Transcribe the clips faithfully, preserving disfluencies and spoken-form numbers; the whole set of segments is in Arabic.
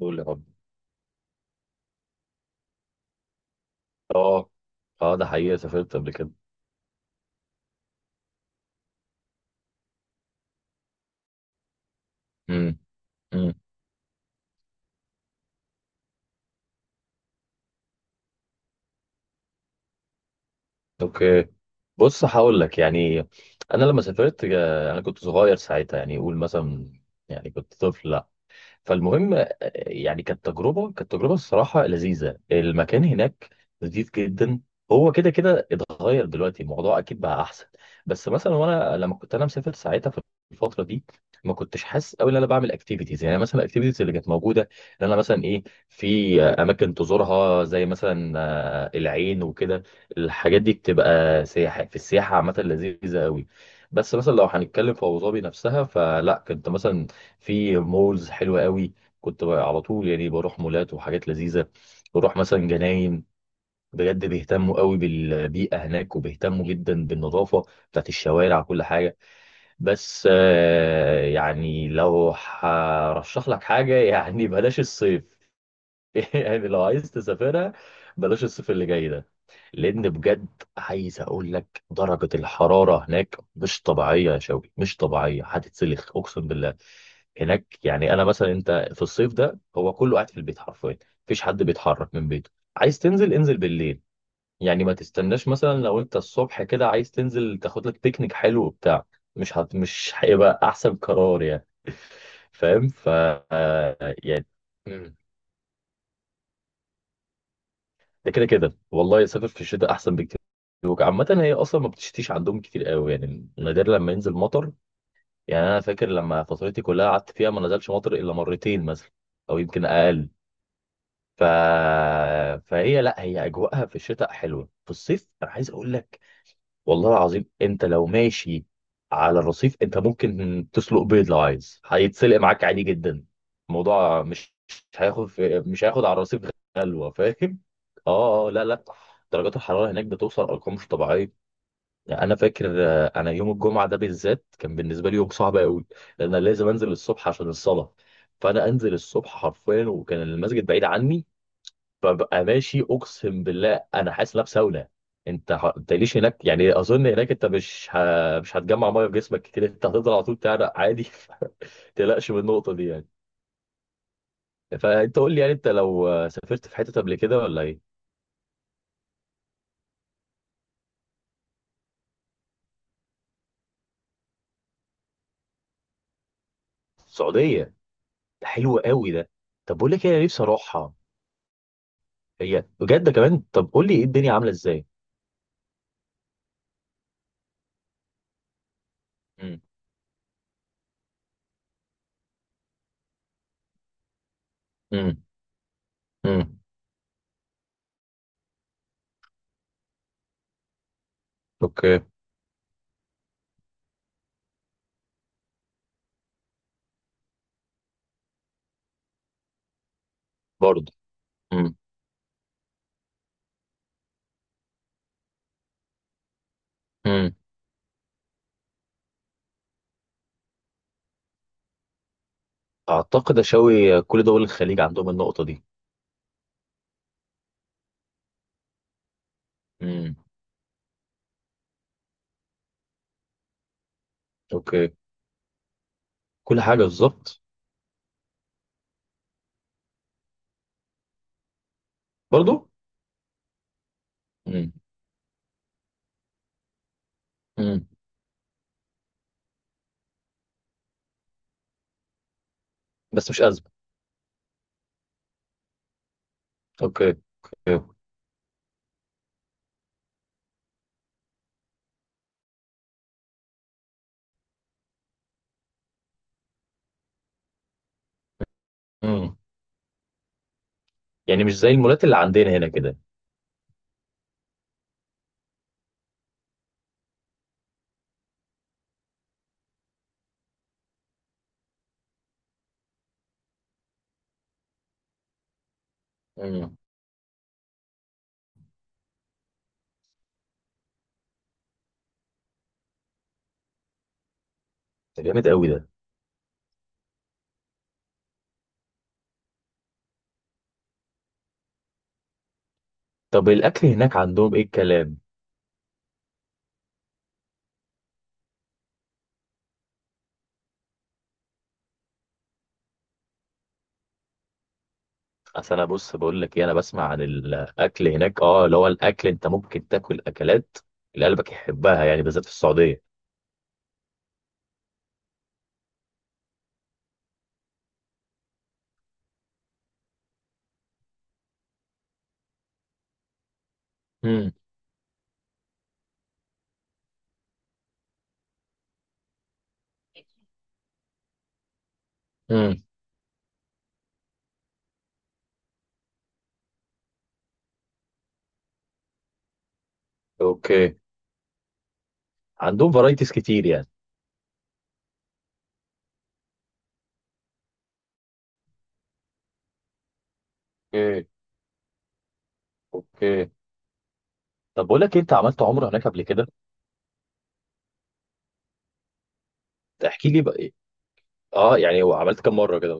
قول يا رب. اه، اه، ده حقيقة سافرت قبل كده. امم امم اوكي. بص، هقول لك يعني انا لما سافرت، آه، انا كنت صغير ساعتها، يعني قول مثلا، يعني كنت طفل. فالمهم، آه، يعني كانت تجربه كانت تجربه الصراحه لذيذه، المكان هناك لذيذ جدا. هو كده كده اتغير دلوقتي، الموضوع اكيد بقى احسن. بس مثلا، وانا لما كنت انا مسافر ساعتها في الفتره دي، ما كنتش حاسس قوي ان انا بعمل اكتيفيتيز، يعني مثلا الاكتيفيتيز اللي كانت موجوده، ان انا مثلا ايه، في آه، اماكن تزورها زي مثلا آه، العين وكده. الحاجات دي بتبقى سياحه، في السياحه عامه لذيذه قوي. بس مثلا لو هنتكلم في ابو ظبي نفسها، فلا كنت مثلا في مولز حلوة قوي. كنت بقى على طول يعني بروح مولات وحاجات لذيذة، بروح مثلا جناين. بجد بيهتموا قوي بالبيئة هناك، وبيهتموا جدا بالنظافة بتاعت الشوارع، كل حاجة. بس آه، يعني لو هرشح لك حاجة يعني بلاش الصيف. يعني لو عايز تسافرها، بلاش الصيف اللي جاي ده. لان بجد، عايز اقول لك درجه الحراره هناك مش طبيعيه، يا شوقي مش طبيعيه، هتتسلخ اقسم بالله. هناك يعني انا مثلا، انت في الصيف ده هو كله قاعد في البيت حرفيا، مفيش حد بيتحرك من بيته. عايز تنزل، انزل بالليل. يعني ما تستناش مثلا، لو انت الصبح كده عايز تنزل تاخد لك بيكنيك حلو وبتاع، مش هت... مش هيبقى احسن قرار يعني. فاهم. ف آه، يعني. مم. ده كده كده، والله يسافر في الشتاء احسن بكتير. عامة هي اصلا ما بتشتيش عندهم كتير قوي، يعني نادر لما ينزل مطر. يعني انا فاكر، لما فترتي كلها قعدت فيها ما نزلش مطر الا مرتين مثلا، او يمكن اقل. ف... فهي لا، هي اجواءها في الشتاء حلوه. في الصيف انا عايز اقول لك، والله العظيم، انت لو ماشي على الرصيف انت ممكن تسلق بيض، لو عايز هيتسلق معاك عادي جدا. الموضوع مش مش هياخد في مش هياخد على الرصيف. غلوه، فاهم. اه، اه، لا، لا، درجات الحراره هناك بتوصل ارقام مش طبيعيه. يعني انا فاكر، آه، انا يوم الجمعه ده بالذات كان بالنسبه لي يوم صعب قوي. لان انا لازم انزل الصبح عشان الصلاه، فانا انزل الصبح حرفيا، وكان المسجد بعيد عني. ببقى ماشي اقسم بالله، انا حاسس ان أنا في ساونا. انت ح... انت ليش هناك يعني، اظن هناك انت مش ه... مش هتجمع ميه في جسمك كتير، انت هتفضل على طول تعرق عادي. ما تقلقش من النقطه دي يعني. فانت قول لي يعني، انت لو سافرت في حته قبل كده ولا ايه؟ السعوديه، ده حلو قوي ده. طب بقول لك إيه، انا نفسي اروحها. هي بجد كمان، طب قول لي ايه الدنيا عامله ازاي. امم امم امم اوكي. برضه. امم امم اعتقد اشاوي كل دول الخليج عندهم النقطه دي. امم اوكي. كل حاجه بالظبط. برضو. امم امم بس مش ازمه. اوكي. امم يعني مش زي المولات اللي عندنا هنا كده. امم ده جامد قوي ده. طب الاكل هناك عندهم ايه الكلام؟ اصل انا، بص، بقول لك ايه، انا بسمع عن الاكل هناك، اه، اللي هو الاكل انت ممكن تاكل اكلات اللي قلبك يحبها، يعني بالذات في السعوديه. امم امم اوكي. عندهم فرايتيز كتير يعني. اوكي، اوكي، طب بقول لك إيه، انت عملت عمره هناك قبل كده؟ تحكي لي بقى إيه؟ اه يعني، هو عملت كام مره كده؟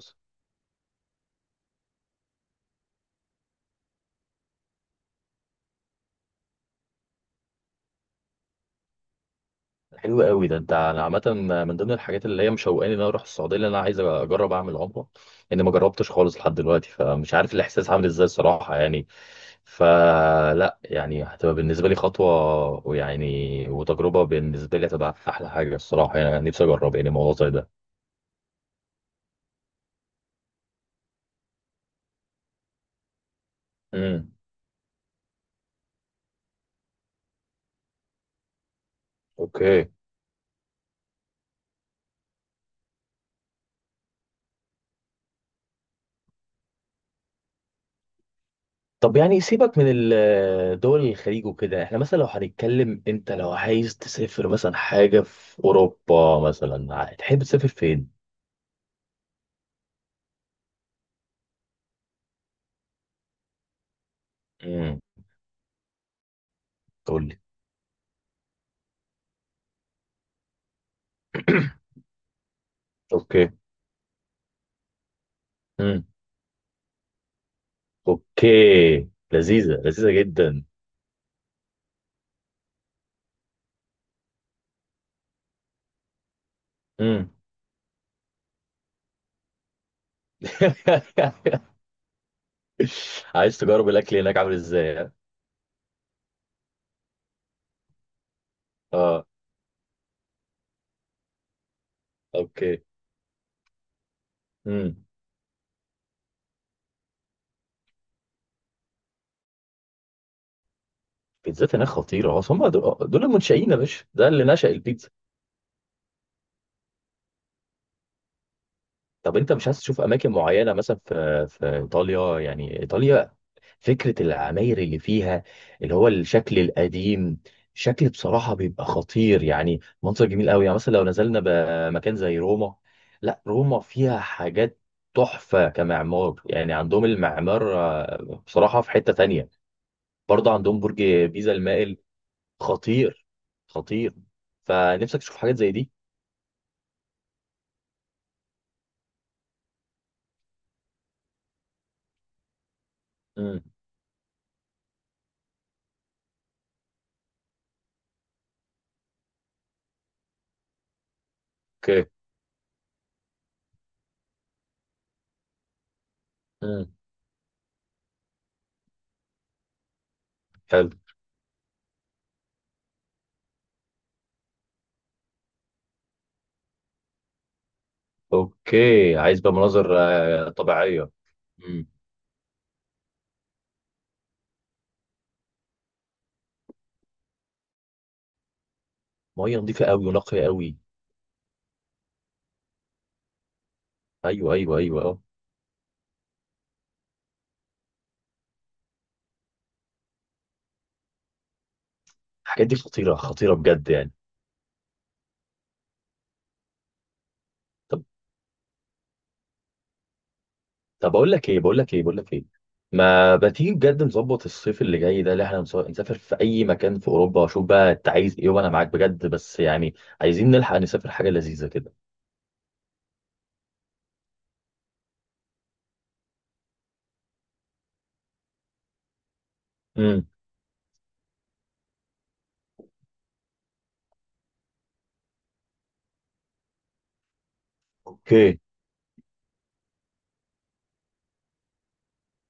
حلو قوي ده، انت. انا عامه من ضمن الحاجات اللي هي مشوقاني ان انا اروح السعوديه، اللي انا عايز اجرب اعمل عمره. لان ما جربتش خالص لحد دلوقتي، فمش عارف الاحساس عامل ازاي الصراحه يعني. فلا يعني، هتبقى بالنسبه لي خطوه، ويعني وتجربه بالنسبه لي هتبقى احلى حاجه الصراحه. يعني انا نفسي اجرب يعني موضوع زي ده. امم اوكي. طب يعني، سيبك من ال- دول الخليج وكده، احنا مثلا لو هنتكلم، انت لو عايز تسافر مثلا حاجه في اوروبا، مثلا تحب تسافر فين؟ امم اوكي. امم اوكي. لذيذة، لذيذة جدا. امم عايز تجرب الاكل هناك عامل ازاي ها؟ اه، اوكي. امم بيتزات هناك خطيرة، اصل هم دول دول المنشئين يا باشا، ده اللي نشأ البيتزا. طب انت مش عايز تشوف اماكن معينة مثلا في في ايطاليا، يعني ايطاليا، فكرة العماير اللي فيها، اللي هو الشكل القديم، شكل بصراحة بيبقى خطير. يعني منظر جميل قوي، يعني مثلا لو نزلنا بمكان زي روما. لا، روما فيها حاجات تحفة كمعمار، يعني عندهم المعمار آه، بصراحة في حتة تانية. برضه عندهم برج بيزا المائل، خطير، خطير. فنفسك تشوف حاجات زي دي. مم. اوكي. مم. حلو. اوكي، عايز بقى مناظر آه، طبيعية. مم. مية نظيفة قوي ونقية قوي. ايوه، ايوه، ايوه، اه. الحاجات دي خطيره، خطيره بجد يعني. طب، طب، اقول لك ايه بقول لك ايه بقول لك ايه. ما بتيجي بجد نظبط الصيف اللي جاي ده اللي احنا نسو- نسافر في اي مكان في اوروبا، واشوف بقى انت عايز ايه، وانا معاك بجد، بس يعني عايزين نلحق نسافر حاجه لذيذه كده. امم اوكي.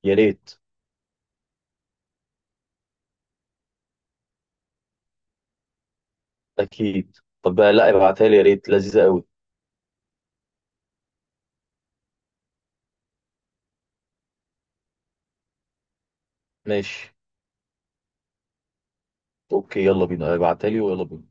يا ريت. اكيد. طب بقى، لا ابعتها لي يا ريت، لذيذه قوي. ماشي، اوكي. يلا بينا، ابعتها لي، ويلا بينا.